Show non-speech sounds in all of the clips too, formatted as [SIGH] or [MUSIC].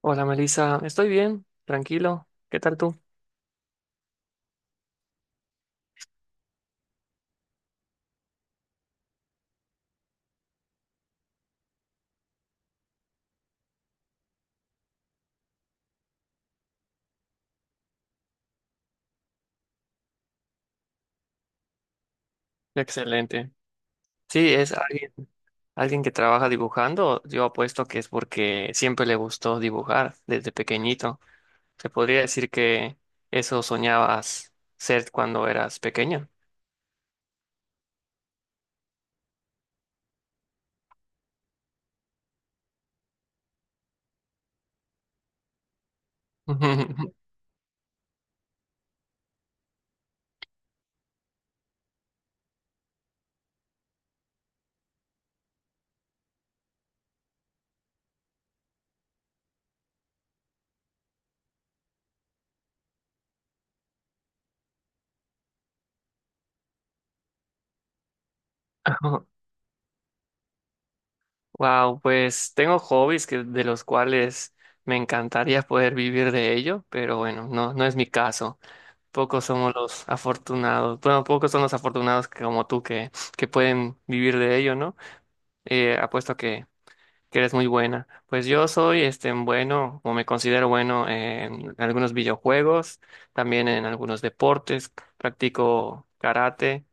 Hola Melissa, estoy bien, tranquilo. ¿Qué tal tú? Excelente. Sí, es alguien que trabaja dibujando. Yo apuesto que es porque siempre le gustó dibujar desde pequeñito. Se podría decir que eso soñabas ser cuando eras pequeño. [LAUGHS] Wow, pues tengo hobbies que, de los cuales me encantaría poder vivir de ello, pero bueno, no es mi caso. Pocos somos los afortunados, bueno, pocos son los afortunados como tú que pueden vivir de ello, ¿no? Apuesto que eres muy buena. Pues yo soy este, bueno, o me considero bueno en algunos videojuegos, también en algunos deportes, practico karate,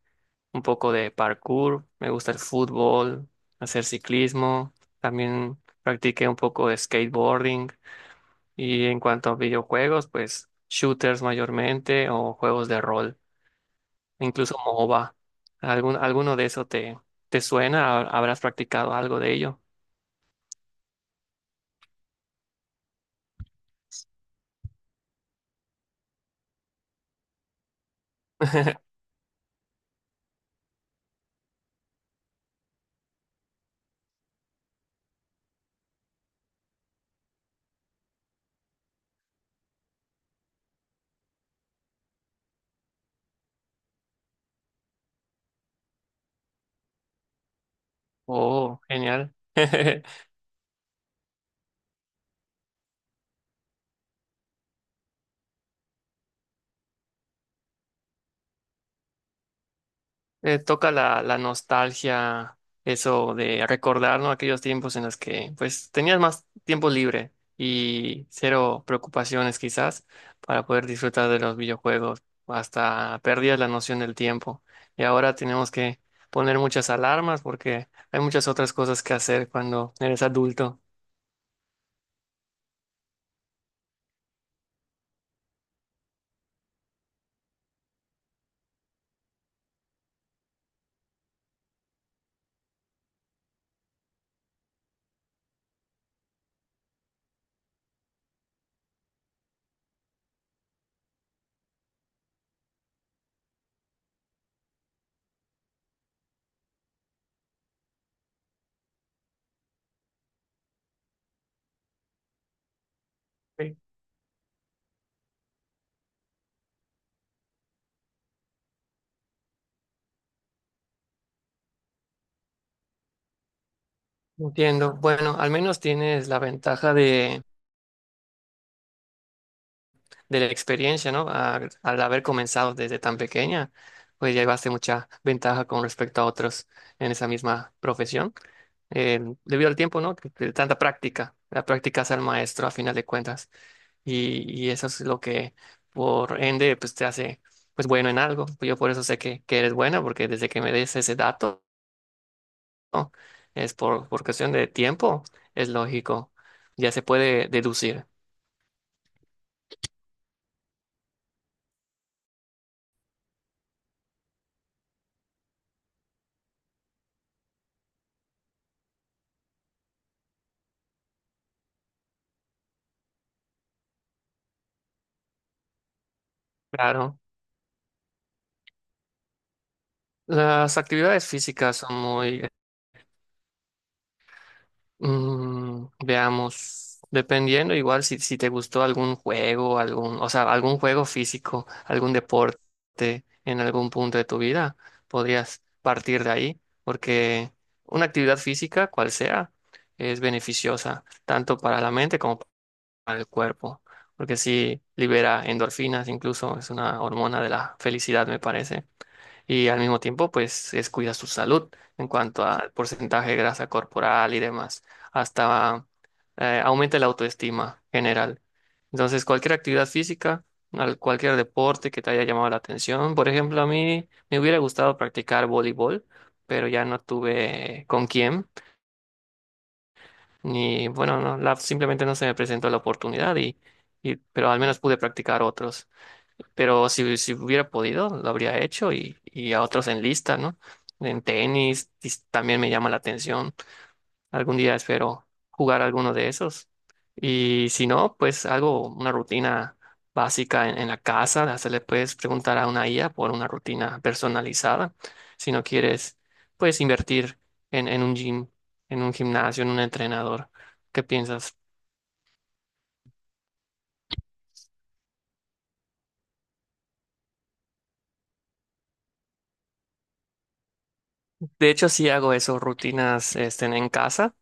un poco de parkour, me gusta el fútbol, hacer ciclismo, también practiqué un poco de skateboarding. Y en cuanto a videojuegos, pues shooters mayormente o juegos de rol incluso MOBA. Alguno de eso te suena? ¿Habrás practicado algo de ello? Oh, genial. [LAUGHS] Toca la nostalgia, eso de recordar, ¿no? Aquellos tiempos en los que pues tenías más tiempo libre y cero preocupaciones quizás para poder disfrutar de los videojuegos. Hasta perdías la noción del tiempo. Y ahora tenemos que poner muchas alarmas porque hay muchas otras cosas que hacer cuando eres adulto. Entiendo. Bueno, al menos tienes la ventaja de la experiencia, ¿no? Al haber comenzado desde tan pequeña, pues ya llevaste mucha ventaja con respecto a otros en esa misma profesión, debido al tiempo, ¿no? De tanta práctica. La práctica hace al maestro a final de cuentas. Y eso es lo que, por ende, pues te hace, pues bueno en algo. Yo por eso sé que eres buena, porque desde que me des ese dato, ¿no? Es por cuestión de tiempo, es lógico. Ya se puede deducir. Claro, las actividades físicas son muy, veamos, dependiendo igual si te gustó algún juego, algún, o sea, algún juego físico, algún deporte en algún punto de tu vida, podrías partir de ahí, porque una actividad física, cual sea, es beneficiosa tanto para la mente como para el cuerpo, porque sí libera endorfinas, incluso es una hormona de la felicidad, me parece. Y al mismo tiempo pues es cuida su salud en cuanto al porcentaje de grasa corporal y demás, hasta aumenta la autoestima general. Entonces cualquier actividad física, cualquier deporte que te haya llamado la atención, por ejemplo, a mí me hubiera gustado practicar voleibol, pero ya no tuve con quién, ni bueno, no, simplemente no se me presentó la oportunidad y pero al menos pude practicar otros, pero si hubiera podido, lo habría hecho y a otros en lista, ¿no? En tenis, también me llama la atención. Algún día espero jugar alguno de esos. Y si no, pues algo, una rutina básica en la casa, hasta le puedes preguntar a una IA por una rutina personalizada. Si no quieres, puedes invertir en un gym, en un gimnasio, en un entrenador. ¿Qué piensas? De hecho, sí hago eso, rutinas este, en casa.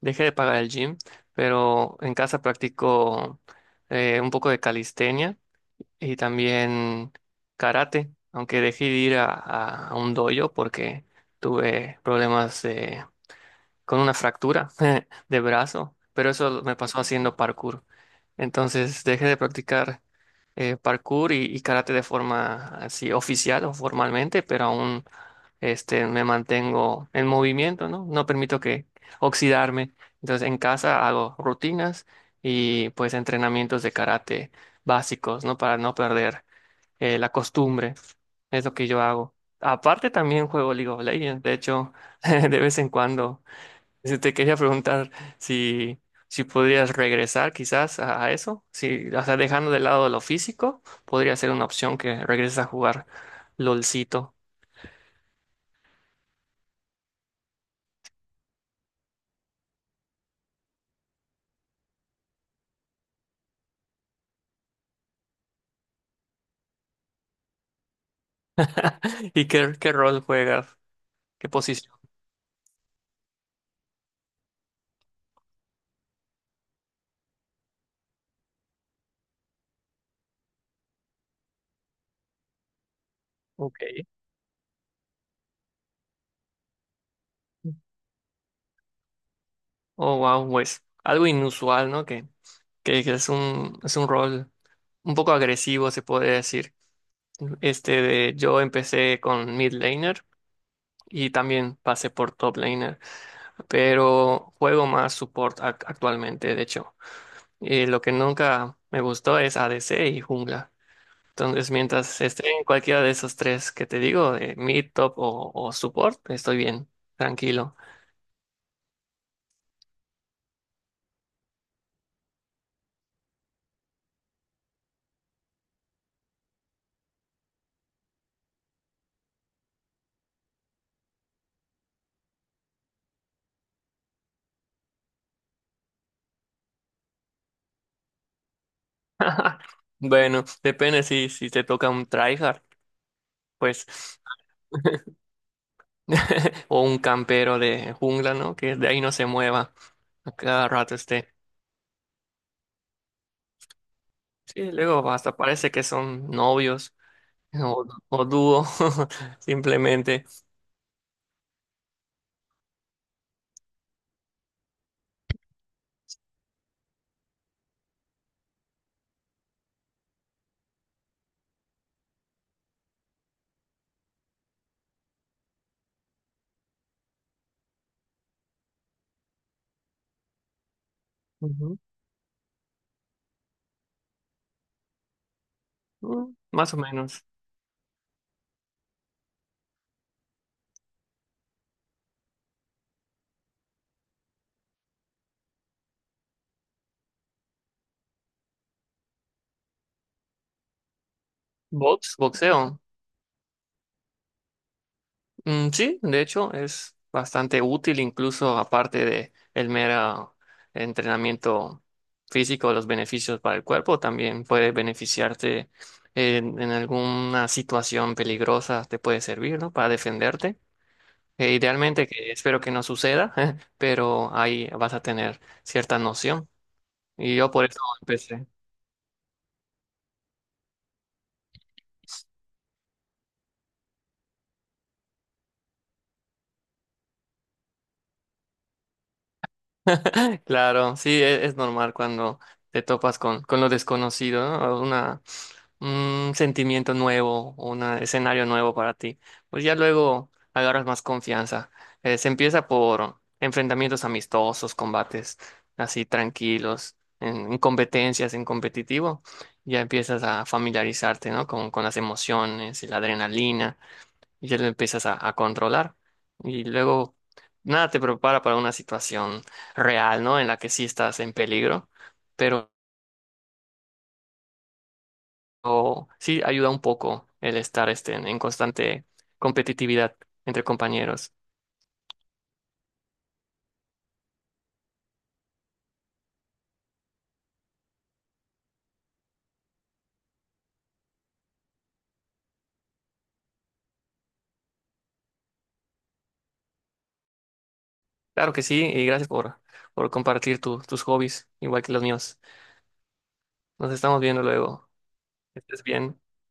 Dejé de pagar el gym, pero en casa practico un poco de calistenia y también karate, aunque dejé de ir a un dojo porque tuve problemas con una fractura [LAUGHS] de brazo, pero eso me pasó haciendo parkour. Entonces dejé de practicar parkour y karate de forma así oficial o formalmente, pero aún este, me mantengo en movimiento, ¿no? No permito que oxidarme. Entonces, en casa hago rutinas y pues entrenamientos de karate básicos, ¿no? Para no perder la costumbre. Es lo que yo hago. Aparte, también juego League of Legends. De hecho, [LAUGHS] de vez en cuando si te quería preguntar si, si podrías regresar quizás a eso, si, o sea, dejando de lado lo físico, podría ser una opción que regreses a jugar LOLcito. [LAUGHS] ¿Y qué rol juegas? ¿Qué posición? Ok. Oh, wow, pues algo inusual, ¿no? Que es es un rol un poco agresivo, se podría decir. Este de, yo empecé con mid laner y también pasé por top laner. Pero juego más support actualmente, de hecho. Y lo que nunca me gustó es ADC y jungla. Entonces, mientras esté en cualquiera de esos tres que te digo, mid, top o support, estoy bien, tranquilo. [LAUGHS] Bueno, depende si te toca un tryhard, pues, [LAUGHS] o un campero de jungla, ¿no? Que de ahí no se mueva, a cada rato esté. Sí, luego hasta parece que son novios o, o dúo, [LAUGHS] simplemente. Mm, más o menos. Box, boxeo. Mm, sí, de hecho es bastante útil, incluso aparte de el mero entrenamiento físico, los beneficios para el cuerpo, también puede beneficiarte en alguna situación peligrosa, te puede servir, ¿no? Para defenderte. E idealmente, que espero que no suceda, [LAUGHS] pero ahí vas a tener cierta noción. Y yo por eso empecé. [LAUGHS] Claro, sí, es normal cuando te topas con lo desconocido, ¿no? Una, un sentimiento nuevo, un escenario nuevo para ti. Pues ya luego agarras más confianza. Se empieza por enfrentamientos amistosos, combates así tranquilos, en competencias, en competitivo. Ya empiezas a familiarizarte, ¿no? Con las emociones y la adrenalina y ya lo empiezas a controlar. Y luego nada te prepara para una situación real, ¿no? En la que sí estás en peligro, pero sí ayuda un poco el estar este, en constante competitividad entre compañeros. Claro que sí, y gracias por compartir tus hobbies, igual que los míos. Nos estamos viendo luego. Que estés bien.